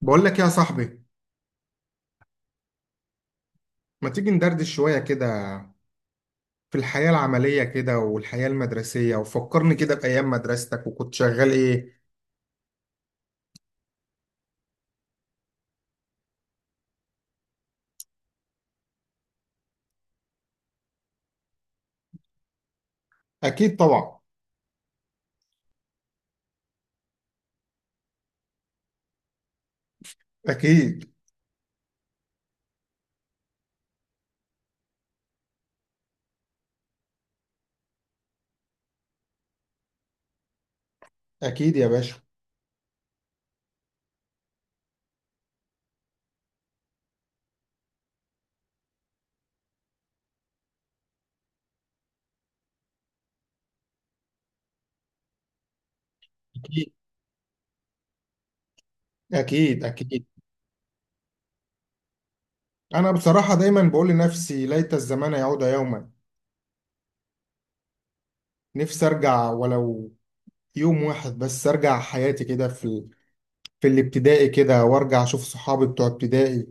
بقول لك يا صاحبي، ما تيجي ندردش شوية كده في الحياة العملية كده والحياة المدرسية؟ وفكرني كده بأيام مدرستك، وكنت شغال إيه؟ أكيد طبعا. أكيد أكيد يا باشا. أكيد أكيد أكيد. أنا بصراحة دايما بقول لنفسي ليت الزمان يعود يوما. نفسي أرجع ولو يوم واحد بس، أرجع حياتي كده في الابتدائي كده، وأرجع أشوف صحابي بتوع ابتدائي.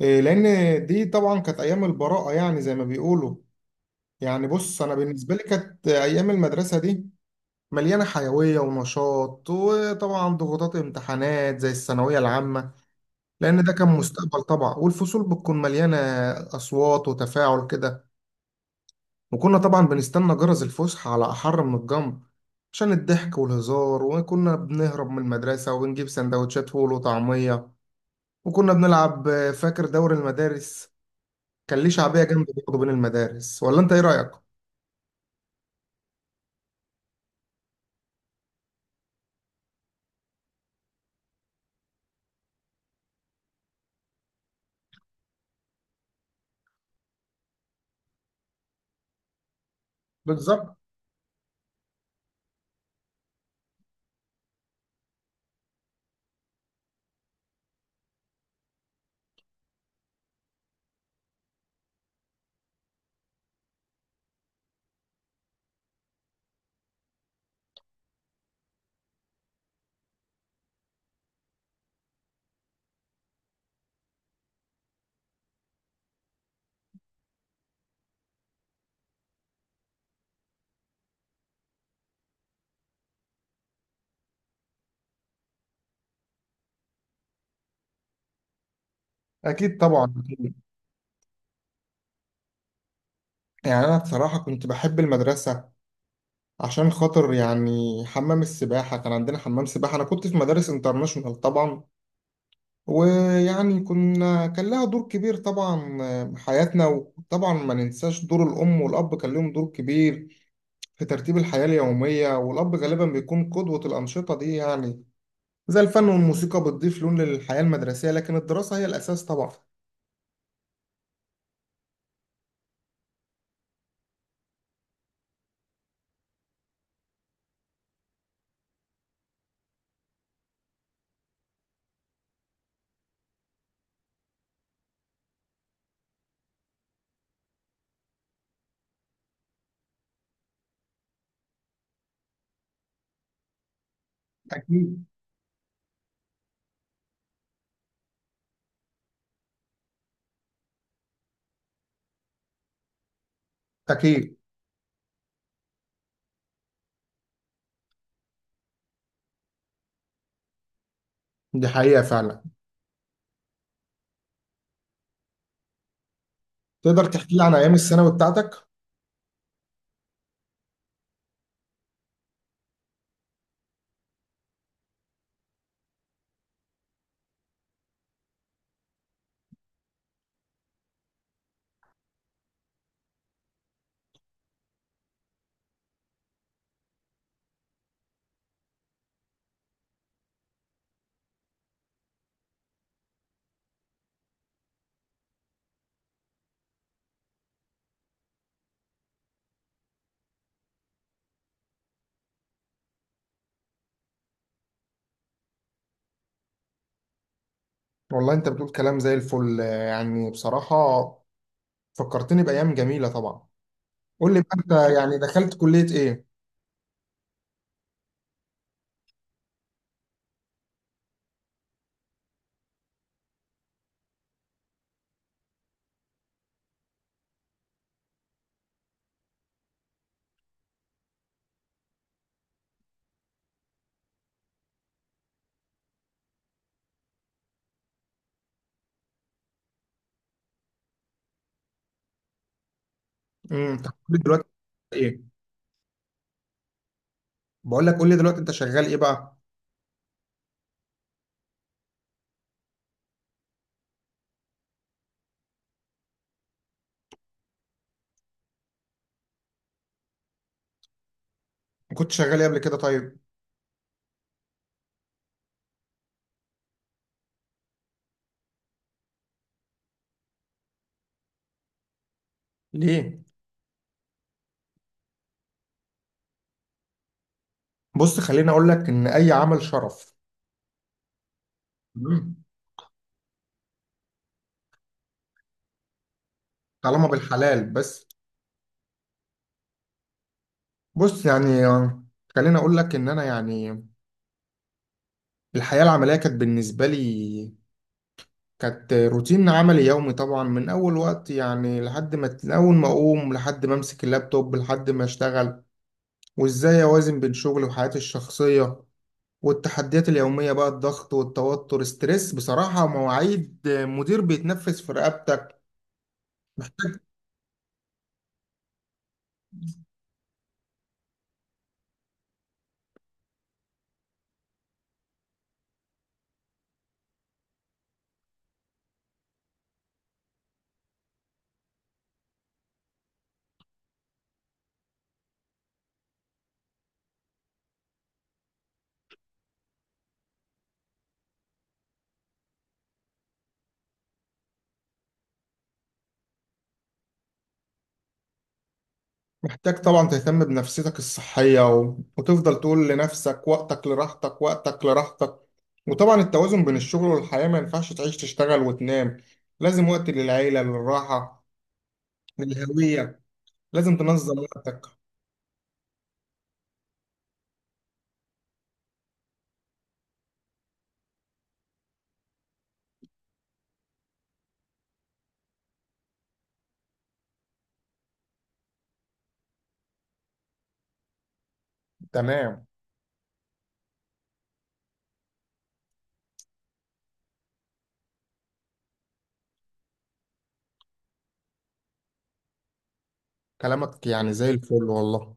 إيه، لأن دي طبعا كانت أيام البراءة، يعني زي ما بيقولوا. يعني بص، انا بالنسبه لي كانت ايام المدرسه دي مليانه حيويه ونشاط، وطبعا ضغوطات امتحانات زي الثانويه العامه، لان ده كان مستقبل طبعا. والفصول بتكون مليانه اصوات وتفاعل كده. وكنا طبعا بنستنى جرس الفسحه على احر من الجمر عشان الضحك والهزار، وكنا بنهرب من المدرسه وبنجيب سندوتشات فول وطعميه. وكنا بنلعب، فاكر دوري المدارس كان ليه شعبيه جامده برضه بين المدارس، ولا انت ايه رايك؟ بالظبط. اكيد طبعا. يعني أنا بصراحة كنت بحب المدرسة، عشان خاطر يعني حمام السباحة، كان عندنا حمام سباحة. أنا كنت في مدارس انترناشونال طبعا، ويعني كنا كان لها دور كبير طبعا في حياتنا. وطبعا ما ننساش دور الأم والأب، كان لهم دور كبير في ترتيب الحياة اليومية. والأب غالبا بيكون قدوة. الأنشطة دي يعني زي الفن والموسيقى بتضيف لون للحياة المدرسية، لكن الدراسة هي الأساس طبعا. أكيد أكيد. دي حقيقة فعلا. تقدر تحكي لي عن أيام الثانوي بتاعتك؟ والله انت بتقول كلام زي الفل. آه، يعني بصراحة فكرتني بأيام جميلة طبعا. قول لي بقى، انت يعني دخلت كلية ايه؟ انت كلية دلوقتي ايه؟ بقول لك، قول لي دلوقتي انت شغال ايه بقى؟ كنت شغال ايه قبل كده طيب؟ ليه؟ بص خليني اقول لك ان اي عمل شرف. مم. طالما بالحلال بس. بص يعني خليني اقول لك ان انا يعني الحياة العملية كانت بالنسبة لي، كانت روتين عملي يومي طبعا من اول وقت، يعني لحد ما، من اول ما اقوم لحد ما امسك اللابتوب لحد ما اشتغل. وازاي اوازن بين شغلي وحياتي الشخصيه والتحديات اليوميه بقى؟ الضغط والتوتر، ستريس بصراحه، ومواعيد مدير بيتنفس في رقبتك. محتاج طبعا تهتم بنفسيتك الصحيه وتفضل تقول لنفسك وقتك لراحتك، وقتك لراحتك. وطبعا التوازن بين الشغل والحياه، ما ينفعش تعيش تشتغل وتنام. لازم وقت للعيله، للراحه، للهويه. لازم تنظم وقتك. تمام. كلامك يعني زي الفل والله.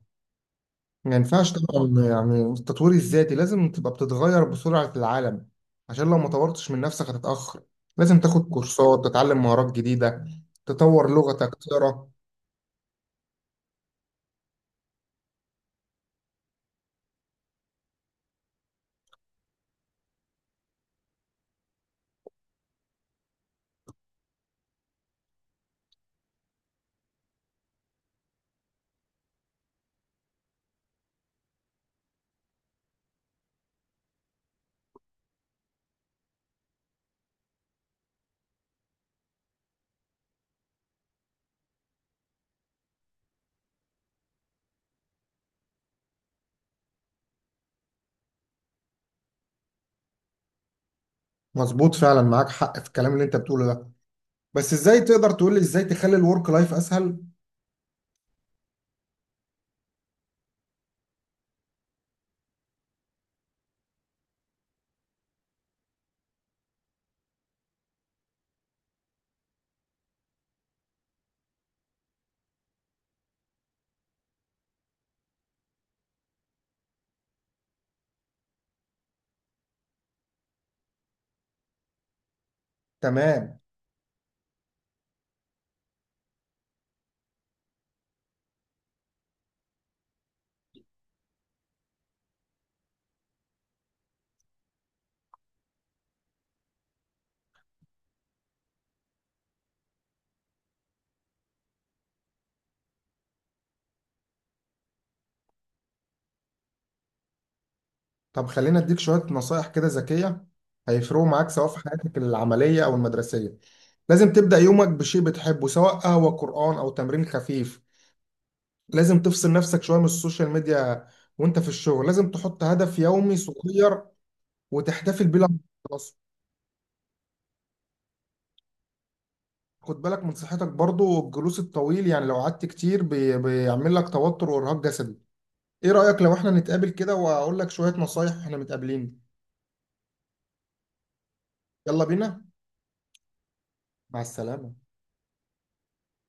ما ينفعش طبعا، يعني التطوير الذاتي لازم تبقى بتتغير بسرعة العالم، عشان لو ما طورتش من نفسك هتتأخر. لازم تاخد كورسات، تتعلم مهارات جديدة، تطور لغتك، تقرا. مظبوط فعلا. معاك حق في الكلام اللي انت بتقوله ده. بس ازاي، تقدر تقول لي ازاي تخلي الورك لايف اسهل؟ تمام. طب خلينا اديك شوية نصايح كده ذكية هيفرقوا معاك سواء في حياتك العملية او المدرسية. لازم تبدأ يومك بشيء بتحبه، سواء قهوة، قرآن، او تمرين خفيف. لازم تفصل نفسك شوية من السوشيال ميديا. وانت في الشغل لازم تحط هدف يومي صغير، وتحتفل بيه لما تخلصه. خد بالك من صحتك برضو. الجلوس الطويل، يعني لو قعدت كتير بيعمل لك توتر وارهاق جسدي. ايه رأيك لو احنا نتقابل كده، واقول لك شوية نصايح واحنا متقابلين؟ يلا بينا. مع السلامة.